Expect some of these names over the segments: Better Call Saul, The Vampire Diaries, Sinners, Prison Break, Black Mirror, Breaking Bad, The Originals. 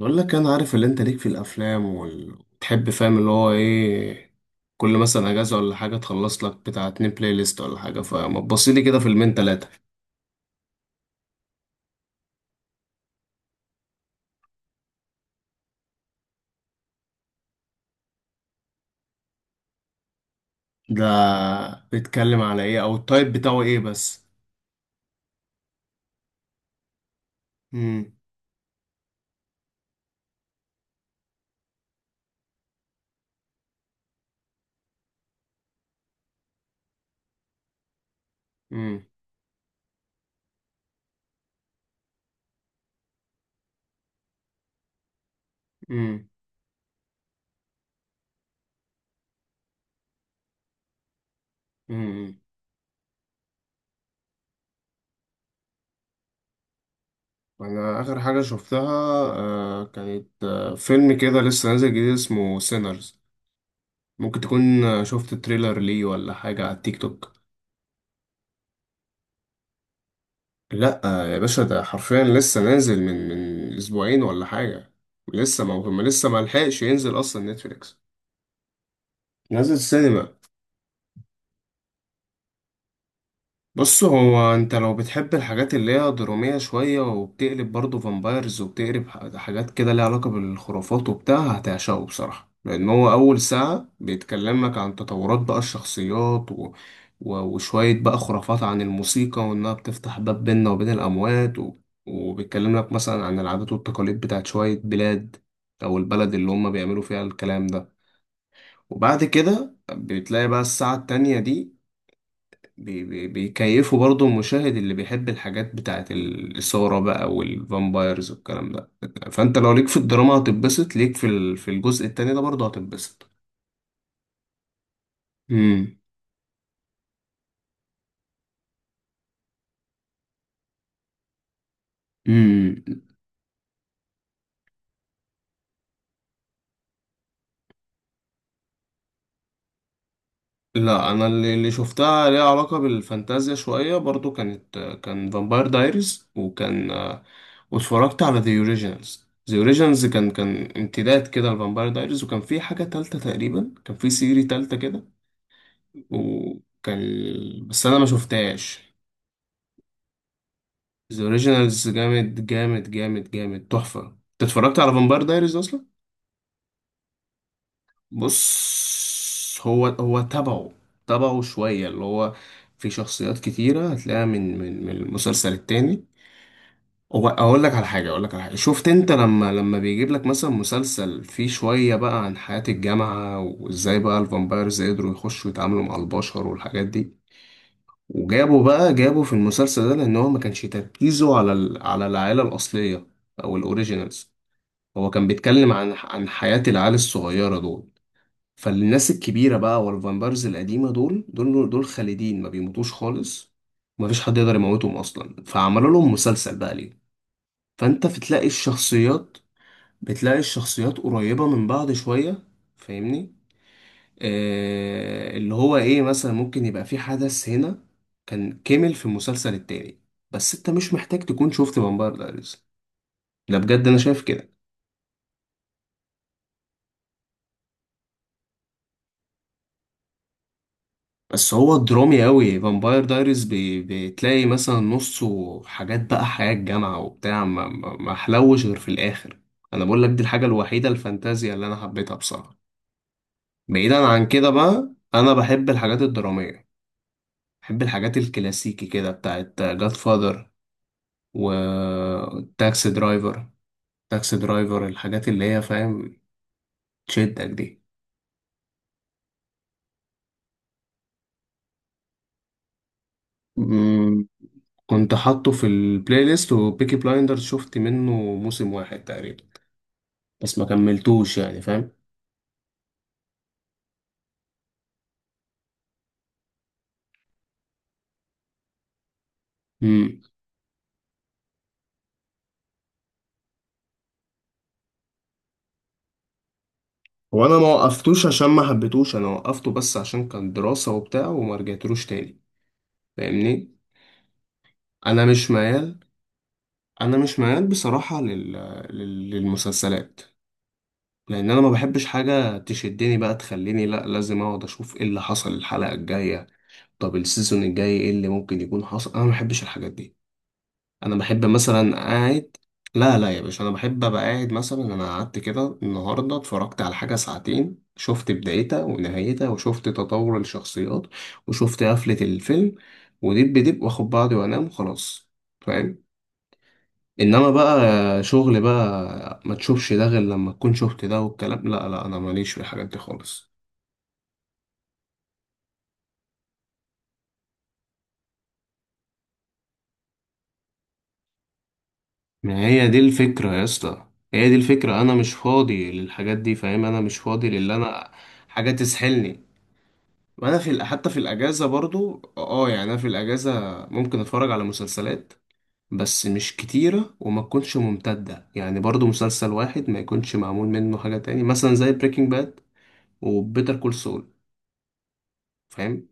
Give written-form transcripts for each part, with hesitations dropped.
بقول لك انا عارف اللي انت ليك في الافلام وتحب، فاهم اللي هو ايه. كل مثلا اجازه ولا حاجه تخلص لك بتاع اتنين بلاي ليست ولا حاجه، فما تبص لي كده فيلمين تلاته. ده بيتكلم على ايه او التايب بتاعه ايه بس؟ امم امم امم امم انا اخر حاجه شفتها كانت فيلم كده لسه نازل جديد اسمه سينرز. ممكن تكون شفت تريلر ليه ولا حاجه على التيك توك. لا يا باشا، ده حرفيا لسه نازل من اسبوعين ولا حاجه. لسه ما هو ما لسه ما لحقش ينزل اصلا نتفليكس. نازل سينما. بص، هو انت لو بتحب الحاجات اللي هي درامية شوية وبتقلب برضه فامبايرز وبتقلب حاجات كده ليها علاقة بالخرافات وبتاع، هتعشقه بصراحة، لأن هو أول ساعة بيتكلمك عن تطورات بقى الشخصيات وشوية بقى خرافات عن الموسيقى وإنها بتفتح باب بيننا وبين الأموات وبيتكلم لك مثلا عن العادات والتقاليد بتاعت شوية بلاد، أو البلد اللي هم بيعملوا فيها الكلام ده. وبعد كده بتلاقي بقى الساعة التانية دي بي بي بيكيفوا برضو المشاهد اللي بيحب الحاجات بتاعت الإثارة بقى والفامبايرز والكلام ده. فأنت لو ليك في الدراما هتتبسط، ليك في الجزء التاني ده برضو هتتبسط. امم امم لا، انا اللي شفتها ليها علاقه بالفانتازيا شويه برضو كان فامباير دايريز، واتفرجت على ذا اوريجينالز، كان امتداد كده لفامباير دايريز، وكان في حاجه تالته تقريبا، كان في سيري تالته كده، وكان بس انا ما شفتهاش. ذا اوريجينالز جامد جامد جامد جامد، تحفة. انت اتفرجت على فامباير دايريز اصلا؟ بص، هو تبعه، تبعه شوية، اللي هو في شخصيات كتيرة هتلاقيها من المسلسل التاني. هو اقول لك على حاجة، شفت انت لما بيجيب لك مثلا مسلسل فيه شوية بقى عن حياة الجامعة وازاي بقى الفامبايرز قدروا يخشوا يتعاملوا مع البشر والحاجات دي؟ وجابوا بقى جابوا في المسلسل ده، لان هو ما كانش تركيزه على ال... على العائلة الأصلية او الاوريجينالز. هو كان بيتكلم عن حياة العيال الصغيرة دول. فالناس الكبيرة بقى والفامبرز القديمة دول خالدين، ما بيموتوش خالص ومفيش حد يقدر يموتهم أصلا، فعملوا لهم مسلسل بقى ليه. فأنت بتلاقي الشخصيات قريبة من بعض شوية، فاهمني؟ اللي هو إيه مثلا، ممكن يبقى في حدث هنا كان كمل في المسلسل التاني. بس أنت مش محتاج تكون شفت فامباير دايريز، ده بجد أنا شايف كده. بس هو درامي قوي فامباير دايريز، بي... بتلاقي مثلا نصه حاجات بقى حياة الجامعة وبتاع، ما حلوش غير في الآخر. أنا بقول لك دي الحاجة الوحيدة الفانتازيا اللي أنا حبيتها بصراحة. بعيدا عن كده بقى، أنا بحب الحاجات الدرامية، بحب الحاجات الكلاسيكي كده بتاعت جاد فاذر و تاكسي درايفر تاكسي درايفر الحاجات اللي هي، فاهم، تشدك دي. أمم، كنت حاطه في البلاي ليست، وبيكي بلايندر شفت منه موسم واحد تقريبا بس ما كملتوش، يعني فاهم. امم. وانا ما وقفتوش عشان ما حبيتوش، انا وقفته بس عشان كان دراسة وبتاع وما رجعتلوش تاني، فاهمني. انا مش ميال انا مش ميال بصراحة للمسلسلات، لان انا ما بحبش حاجة تشدني بقى تخليني لا، لازم اقعد اشوف ايه اللي حصل الحلقة الجاية؟ طب السيزون الجاي ايه اللي ممكن يكون حصل؟ انا ما بحبش الحاجات دي. انا بحب مثلا قاعد، لا لا يا باشا، انا بحب ابقى قاعد مثلا. انا قعدت كده النهارده، اتفرجت على حاجه ساعتين، شفت بدايتها ونهايتها وشفت تطور الشخصيات وشفت قفله الفيلم، ودب دب واخد بعضي وانام وخلاص، فاهم؟ انما بقى شغل بقى ما تشوفش ده غير لما تكون شفت ده والكلام، لا لا انا ماليش في الحاجات دي خالص. ما هي دي الفكره يا اسطى، هي دي الفكره، انا مش فاضي للحاجات دي، فاهم؟ انا مش فاضي، للي انا حاجة تسحلني. وانا في، حتى في الاجازه برضو اه، يعني انا في الاجازه ممكن اتفرج على مسلسلات، بس مش كتيره وما تكونش ممتده، يعني برضو مسلسل واحد ما يكونش معمول منه حاجه تاني، مثلا زي بريكنج باد وبيتر كول سول، فاهم.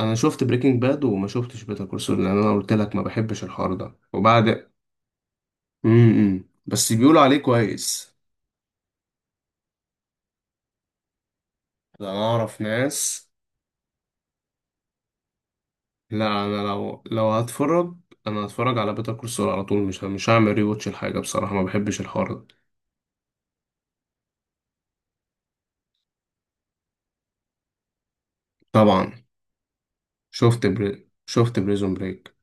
انا شفت بريكنج باد وما شفتش بيتر كول سول، لان انا قلت لك ما بحبش الحوار ده وبعد. امم، بس بيقولوا عليه كويس. ده انا اعرف ناس. لا، انا لو هتفرج، انا هتفرج على بيتر كول سول على طول، مش هعمل ريواتش الحاجه بصراحه، ما بحبش الحوار ده. طبعا، شفت بريزون بريك.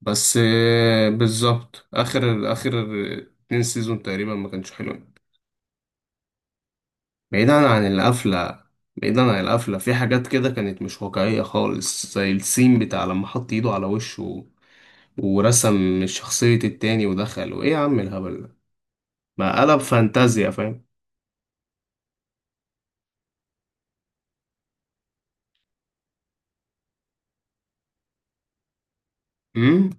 بس بالظبط، اخر اتنين سيزون تقريبا ما كانش حلوين. بعيدا عن القفله بعيدا عن القفله في حاجات كده كانت مش واقعيه خالص، زي السين بتاع لما حط ايده على وشه ورسم شخصيه التاني ودخل، وايه يا عم الهبل ده؟ ما قلب فانتازيا، فاهم. امم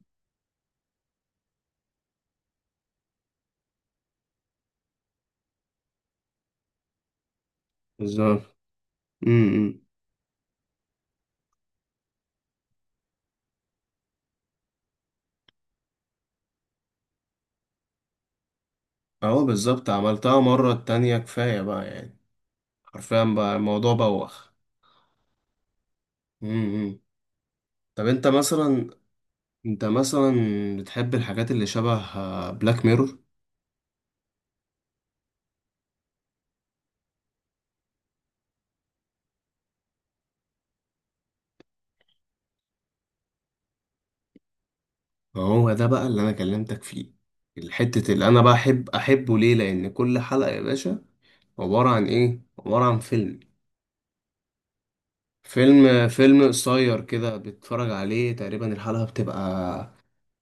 بالظبط. امم اهو بالظبط، عملتها مره التانية كفايه بقى يعني، حرفيا بقى الموضوع بوخ. مم. طب انت مثلا بتحب الحاجات اللي شبه بلاك ميرور؟ هو ده بقى اللي انا كلمتك فيه، الحتة اللي انا بحب احبه ليه، لان كل حلقة يا باشا عبارة عن ايه؟ عبارة عن فيلم قصير كده بتتفرج عليه، تقريبا الحلقة بتبقى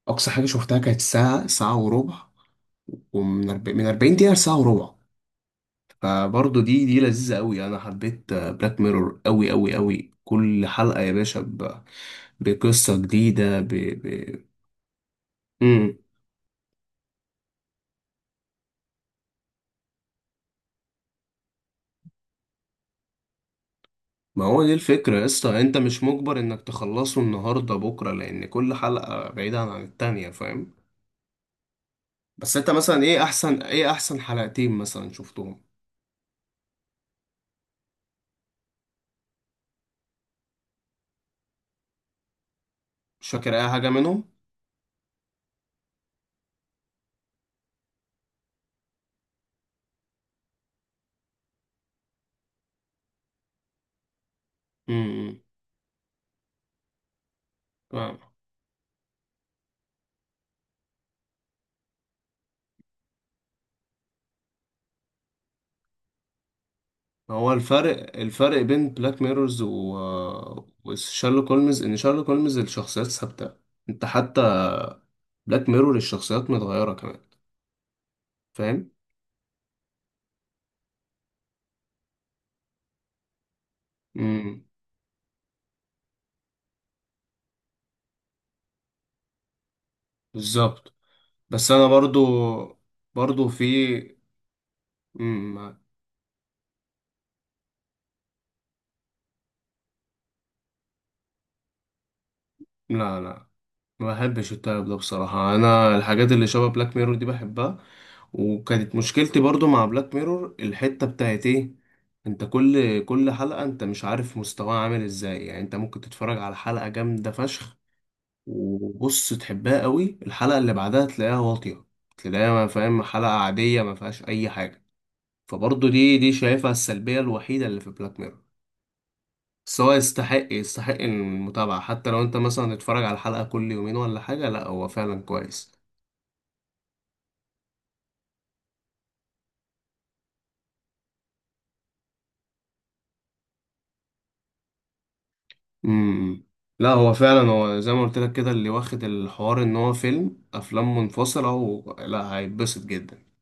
اقصى حاجة شفتها كانت ساعة ساعة وربع، ومن من 40 دقيقة لساعة وربع. فبرضه دي لذيذة قوي، انا حبيت بلاك ميرور قوي قوي قوي، كل حلقة يا باشا بقصة جديدة مم. ما هو دي الفكرة يا اسطى، انت مش مجبر انك تخلصه النهاردة بكرة، لان كل حلقة بعيدة عن التانية، فاهم؟ بس انت مثلا ايه احسن حلقتين مثلا شفتهم؟ مش فاكر اي حاجة منهم. امم فاهم. هو الفرق بين بلاك ميرورز و... وشارلوك هولمز، ان شارلوك هولمز الشخصيات ثابتة. انت حتى بلاك ميرور الشخصيات متغيرة كمان، فاهم. امم بالظبط. بس انا برضو برضو في ما- لا لا، ما بحبش التايب ده بصراحة. انا الحاجات اللي شبه بلاك ميرور دي بحبها. وكانت مشكلتي برضو مع بلاك ميرور الحتة بتاعت ايه، انت كل حلقة انت مش عارف مستواها عامل ازاي، يعني انت ممكن تتفرج على حلقة جامدة فشخ وبص تحبها قوي، الحلقة اللي بعدها تلاقيها واطية، تلاقيها ما فاهم، حلقة عادية ما فيهاش اي حاجة. فبرضه دي شايفها السلبية الوحيدة اللي في بلاك ميرور. بس هو يستحق، المتابعة، حتى لو انت مثلا تتفرج على الحلقة كل يومين ولا حاجة، لا هو فعلا كويس. امم لا هو فعلا، هو زي ما قلت لك كده، اللي واخد الحوار ان هو افلام منفصلة لا، هيتبسط جدا.